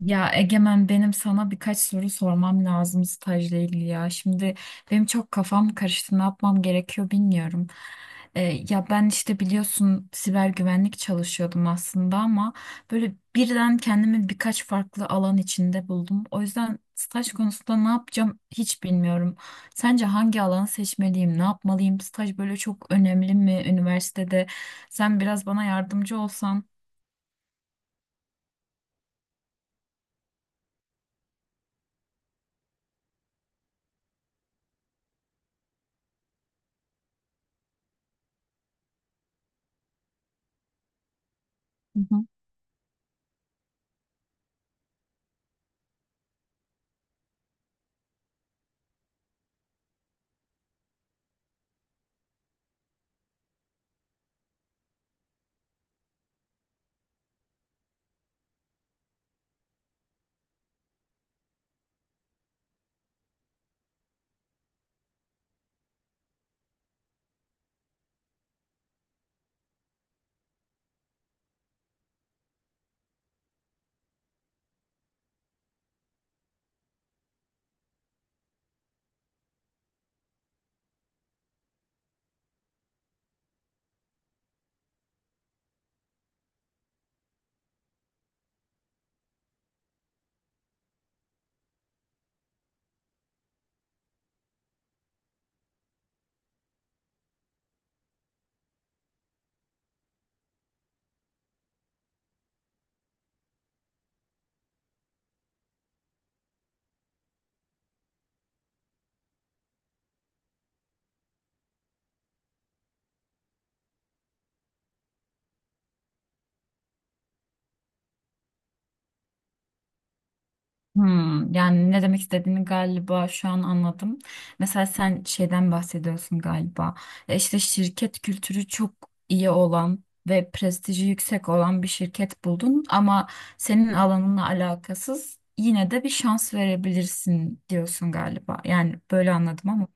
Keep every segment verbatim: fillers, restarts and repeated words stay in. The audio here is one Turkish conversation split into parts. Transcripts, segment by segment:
Ya Egemen, benim sana birkaç soru sormam lazım stajla ilgili ya. Şimdi benim çok kafam karıştı. Ne yapmam gerekiyor bilmiyorum. Ee, ya ben işte biliyorsun siber güvenlik çalışıyordum aslında ama böyle birden kendimi birkaç farklı alan içinde buldum. O yüzden staj konusunda ne yapacağım hiç bilmiyorum. Sence hangi alanı seçmeliyim? Ne yapmalıyım? Staj böyle çok önemli mi üniversitede? Sen biraz bana yardımcı olsan. Hmm, yani ne demek istediğini galiba şu an anladım. Mesela sen şeyden bahsediyorsun galiba. E, İşte şirket kültürü çok iyi olan ve prestiji yüksek olan bir şirket buldun ama senin alanınla alakasız yine de bir şans verebilirsin diyorsun galiba. Yani böyle anladım ama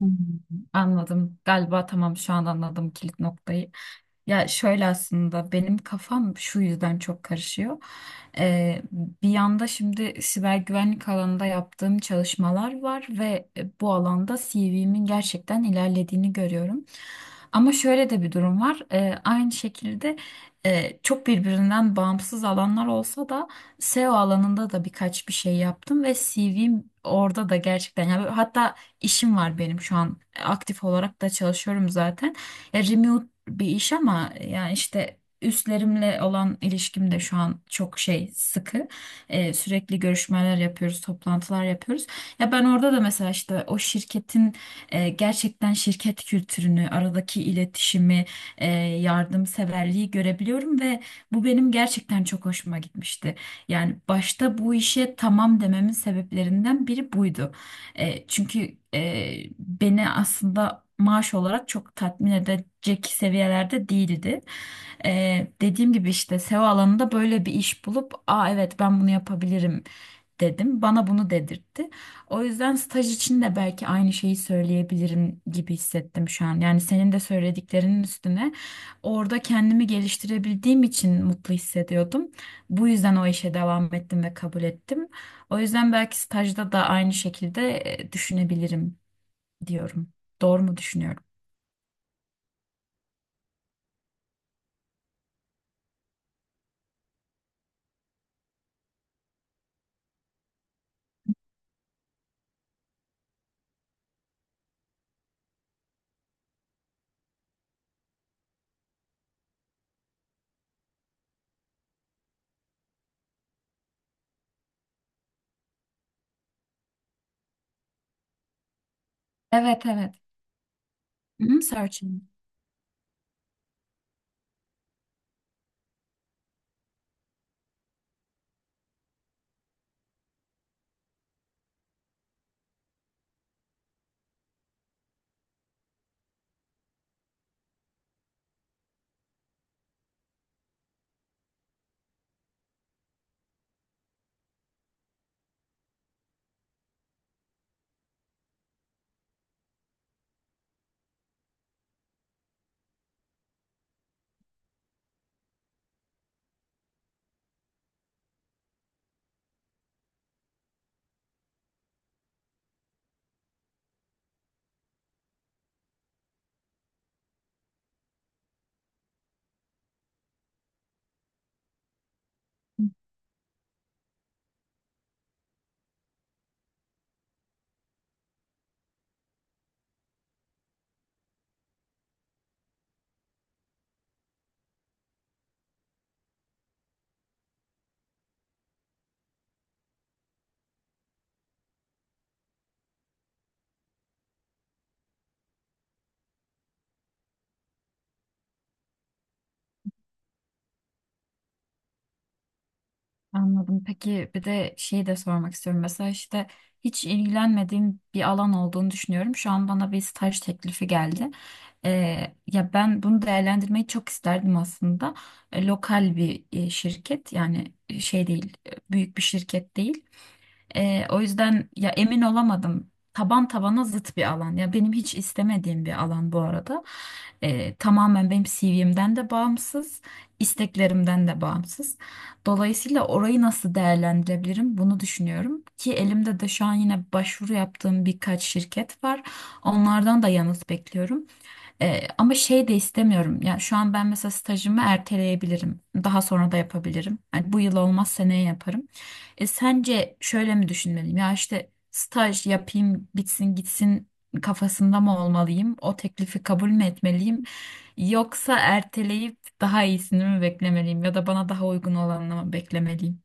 hmm, anladım. Galiba tamam, şu an anladım kilit noktayı. Ya şöyle aslında benim kafam şu yüzden çok karışıyor. Ee, bir yanda şimdi siber güvenlik alanında yaptığım çalışmalar var ve e, bu alanda C V'min gerçekten ilerlediğini görüyorum. Ama şöyle de bir durum var. Ee, aynı şekilde, e, çok birbirinden bağımsız alanlar olsa da S E O alanında da birkaç bir şey yaptım ve C V'm orada da gerçekten, yani hatta işim var benim şu an, e, aktif olarak da çalışıyorum zaten bir iş, ama yani işte üstlerimle olan ilişkim de şu an çok şey sıkı. Ee, sürekli görüşmeler yapıyoruz, toplantılar yapıyoruz. Ya ben orada da mesela işte o şirketin, e, gerçekten şirket kültürünü, aradaki iletişimi, e, yardımseverliği görebiliyorum ve bu benim gerçekten çok hoşuma gitmişti. Yani başta bu işe tamam dememin sebeplerinden biri buydu. E, çünkü e, beni aslında maaş olarak çok tatmin edecek seviyelerde değildi. E, dediğim gibi işte S E O alanında böyle bir iş bulup, aa evet ben bunu yapabilirim dedim. Bana bunu dedirtti. O yüzden staj için de belki aynı şeyi söyleyebilirim gibi hissettim şu an. Yani senin de söylediklerinin üstüne orada kendimi geliştirebildiğim için mutlu hissediyordum. Bu yüzden o işe devam ettim ve kabul ettim. O yüzden belki stajda da aynı şekilde e, düşünebilirim diyorum. Doğru mu düşünüyorum? Evet, evet. Hı, searching. Anladım. Peki bir de şeyi de sormak istiyorum. Mesela işte hiç ilgilenmediğim bir alan olduğunu düşünüyorum. Şu an bana bir staj teklifi geldi. Ee, ya ben bunu değerlendirmeyi çok isterdim aslında. E, lokal bir e, şirket, yani e, şey değil, e, büyük bir şirket değil. Ee, o yüzden ya emin olamadım. Taban tabana zıt bir alan. Ya benim hiç istemediğim bir alan bu arada. Ee, tamamen benim C V'mden de bağımsız, isteklerimden de bağımsız. Dolayısıyla orayı nasıl değerlendirebilirim bunu düşünüyorum. Ki elimde de şu an yine başvuru yaptığım birkaç şirket var. Onlardan da yanıt bekliyorum. Ee, ama şey de istemiyorum. Yani şu an ben mesela stajımı erteleyebilirim. Daha sonra da yapabilirim. Yani bu yıl olmaz, seneye yaparım. E, sence şöyle mi düşünmeliyim? Ya işte staj yapayım bitsin gitsin kafasında mı olmalıyım? O teklifi kabul mü etmeliyim? Yoksa erteleyip daha iyisini mi beklemeliyim? Ya da bana daha uygun olanını mı beklemeliyim?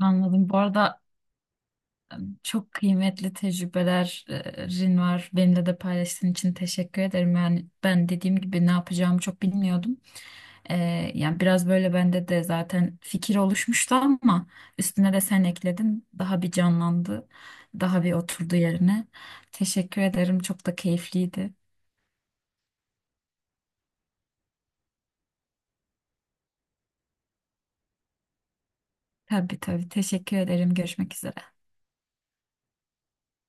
Anladım. Bu arada çok kıymetli tecrübelerin var. Benimle de paylaştığın için teşekkür ederim. Yani ben dediğim gibi ne yapacağımı çok bilmiyordum. Ee, yani biraz böyle bende de zaten fikir oluşmuştu ama üstüne de sen ekledin. Daha bir canlandı. Daha bir oturdu yerine. Teşekkür ederim. Çok da keyifliydi. Tabii, tabii. Teşekkür ederim. Görüşmek üzere.